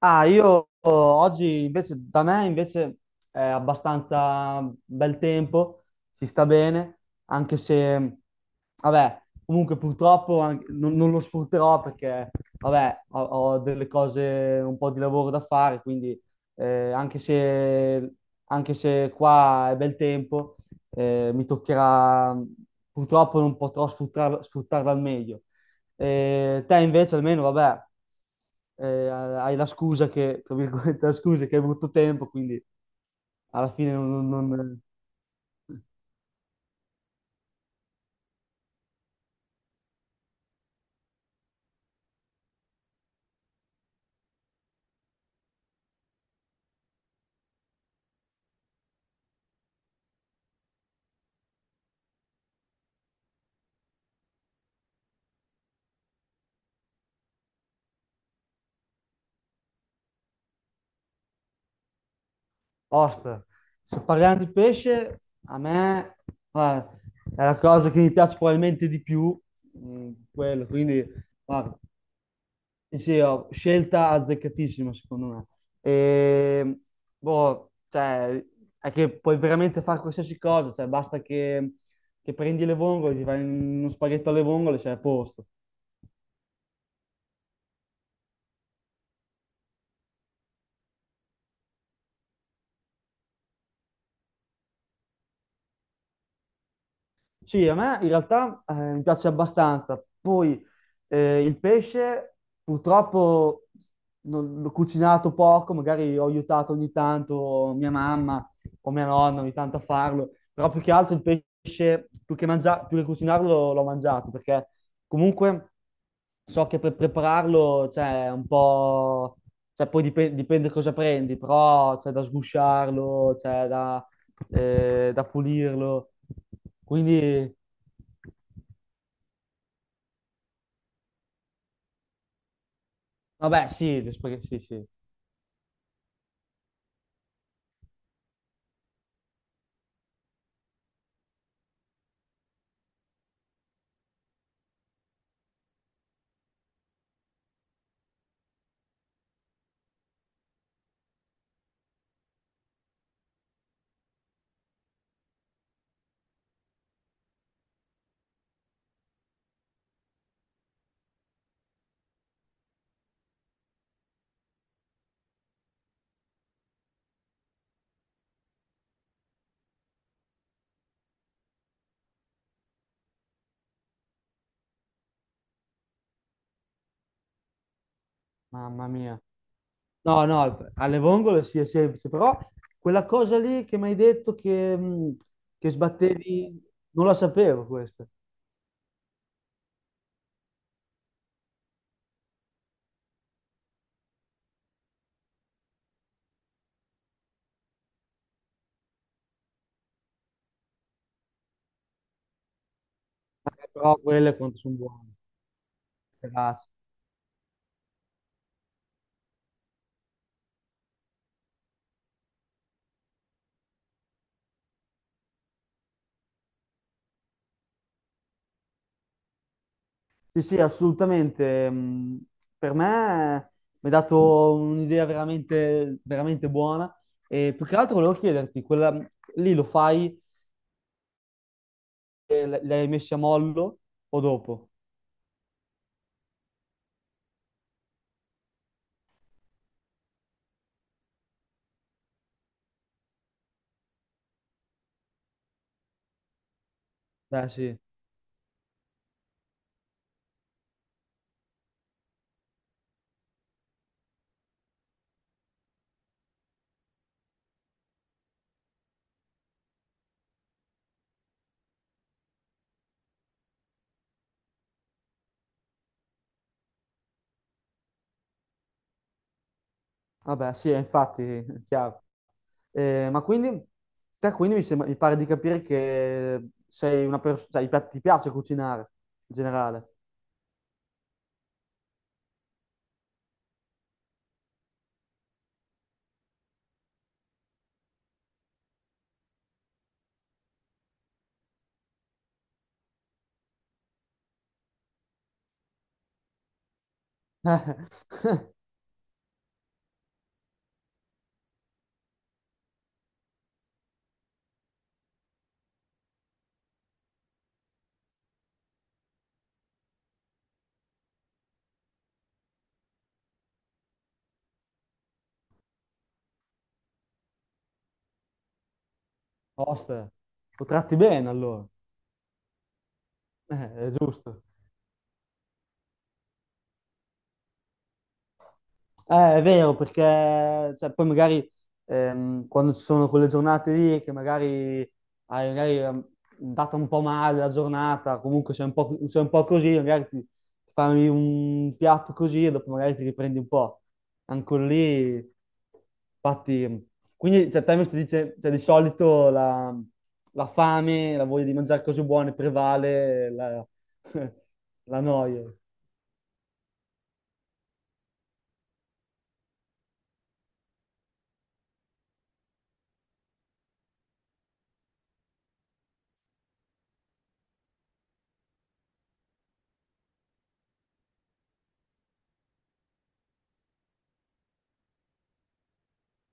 Ah, io oh, oggi invece, da me invece è abbastanza bel tempo, si sta bene, anche se, vabbè, comunque purtroppo non lo sfrutterò perché, vabbè, ho delle cose, un po' di lavoro da fare, quindi eh, anche se, anche se qua è bel tempo, mi toccherà, purtroppo non potrò sfruttarlo, sfruttarlo al meglio. Te invece almeno, vabbè, hai la scusa che, tra virgolette, la scusa che hai avuto tempo, quindi alla fine non. Ost, se parliamo di pesce, a me guarda, è la cosa che mi piace probabilmente di più, mm, quello, quindi guarda, sì, sì, scelta azzeccatissima secondo me. E, boh, cioè, è che puoi veramente fare qualsiasi cosa, cioè, che prendi le vongole, ti fai uno spaghetto alle vongole, sei a posto. Sì, a me in realtà mi piace abbastanza. Poi il pesce purtroppo l'ho cucinato poco, magari ho aiutato ogni tanto mia mamma o mia nonna ogni tanto a farlo, però più che altro il pesce, più che cucinarlo, l'ho mangiato, perché comunque so che per prepararlo c'è un po'. Cioè, poi dipende, cosa prendi, però c'è da sgusciarlo, c'è da da pulirlo. Quindi, vabbè, sì, sì, sì, mamma mia. No, no, alle vongole sì, è semplice, però quella cosa lì che mi hai detto che sbattevi, non la sapevo questa. Però quelle quanto sono buone. Grazie. Sì, sì, assolutamente. Mh, per me mi ha dato un'idea veramente, veramente buona. E più che altro volevo chiederti, quella, lì lo fai li hai messi a mollo o dopo? Beh, sì. Vabbè, sì, infatti, chiaro. Ma quindi, te quindi mi sembra- mi pare di capire che sei una persona, cioè, ti piace cucinare in generale. Oste, lo tratti bene allora. È giusto. È vero, perché cioè, poi magari quando ci sono quelle giornate lì che magari hai magari, ehm, data un po' male la giornata, comunque sei un po', sei un po' così, magari ti fai un piatto così e dopo magari ti riprendi un po'. Anche lì, infatti, quindi cioè, te mi stai dice, cioè, di solito la fame, la voglia di mangiare cose buone prevale la, la noia.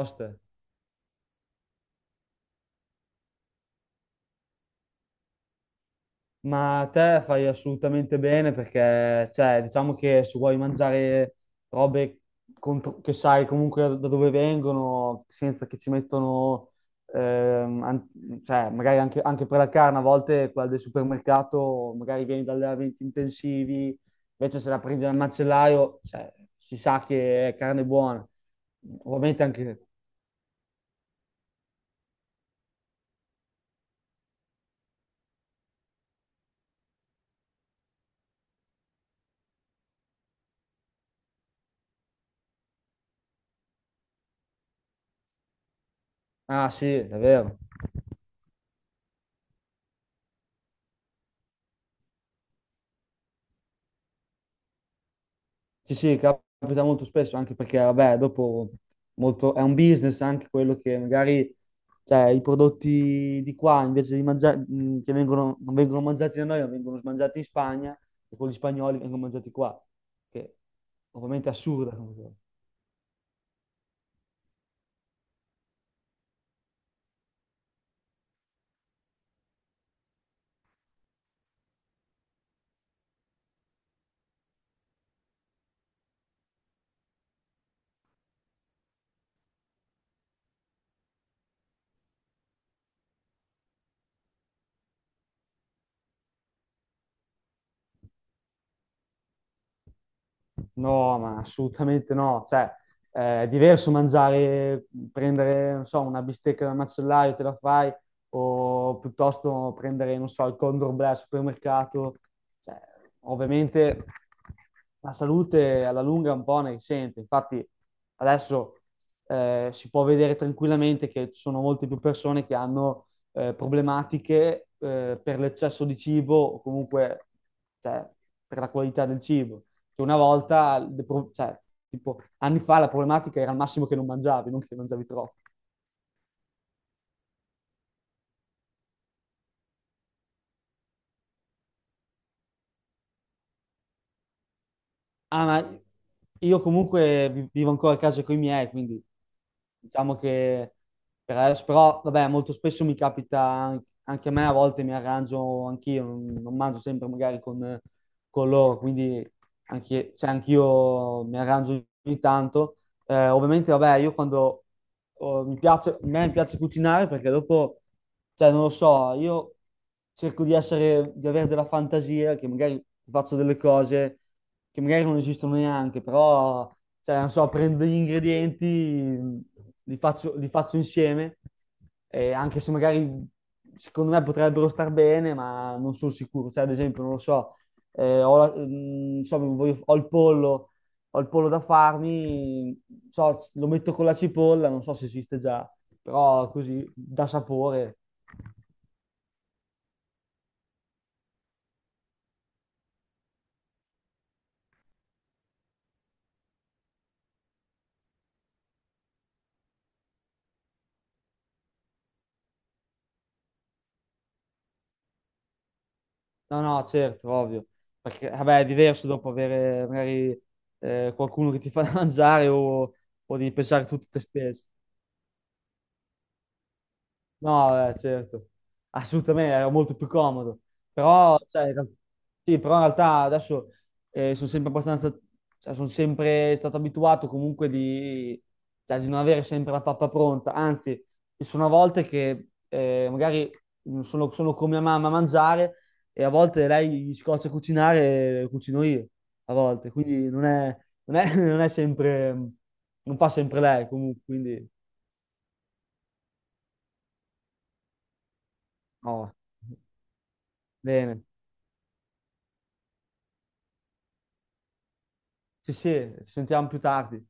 Oste. Ma te fai assolutamente bene perché, cioè, diciamo che se vuoi mangiare robe che sai comunque da dove vengono, senza che ci mettono, cioè, magari anche, anche per la carne, a volte quella del supermercato, magari vieni da allevamenti intensivi, invece se la prendi dal macellaio, cioè, si sa che è carne buona. Ovviamente anche... Ah sì, è vero. Sì, sì, capita molto spesso, anche perché, vabbè, dopo è un business anche quello che magari, cioè, i prodotti di qua, invece di mangiare, che vengono, non vengono mangiati da noi, ma vengono mangiati in Spagna, e quelli spagnoli vengono mangiati qua, che ovviamente è assurda come cosa. No, ma assolutamente no. Cioè, è diverso mangiare, prendere, non so, una bistecca dal macellaio, te la fai, o piuttosto prendere, non so, il Condor Bleu al supermercato. Cioè, ovviamente la salute alla lunga un po' ne risente. Infatti, adesso si può vedere tranquillamente che ci sono molte più persone che hanno problematiche per l'eccesso di cibo o comunque cioè, per la qualità del cibo. Che una volta, cioè, tipo, anni fa la problematica era al massimo che non mangiavi, non che mangiavi troppo. Ah, ma io comunque vivo ancora a casa con i miei, quindi diciamo che per adesso, però vabbè, molto spesso mi capita anche a me, a volte mi arrangio anch'io, non mangio sempre magari con loro, quindi anche, cioè, anch'io mi arrangio ogni tanto. Ovviamente, vabbè, io quando oh, mi piace, a me piace cucinare perché dopo, cioè, non lo so, io cerco di essere, di avere della fantasia, che magari faccio delle cose che magari non esistono neanche, però, cioè, non so, prendo gli ingredienti, li faccio insieme, e anche se magari secondo me potrebbero star bene, ma non sono sicuro. Cioè, ad esempio, non lo so, non so, ho il pollo da farmi, so, lo metto con la cipolla, non so se esiste già, però così dà sapore. No, no, certo, ovvio. Perché, vabbè, è diverso dopo avere magari qualcuno che ti fa da mangiare o devi pensare tutto te stesso. No, certo, assolutamente, era molto più comodo. Però, cioè, sì, però in realtà adesso sono sempre abbastanza, cioè, sono sempre stato abituato comunque di, cioè, di non avere sempre la pappa pronta. Anzi, ci sono volte che magari sono con mia mamma a mangiare e a volte lei gli scoccia a cucinare e cucino io, a volte. Quindi non è, non è sempre, non fa sempre lei comunque, quindi no, bene. Sì, sì, ci sentiamo più tardi.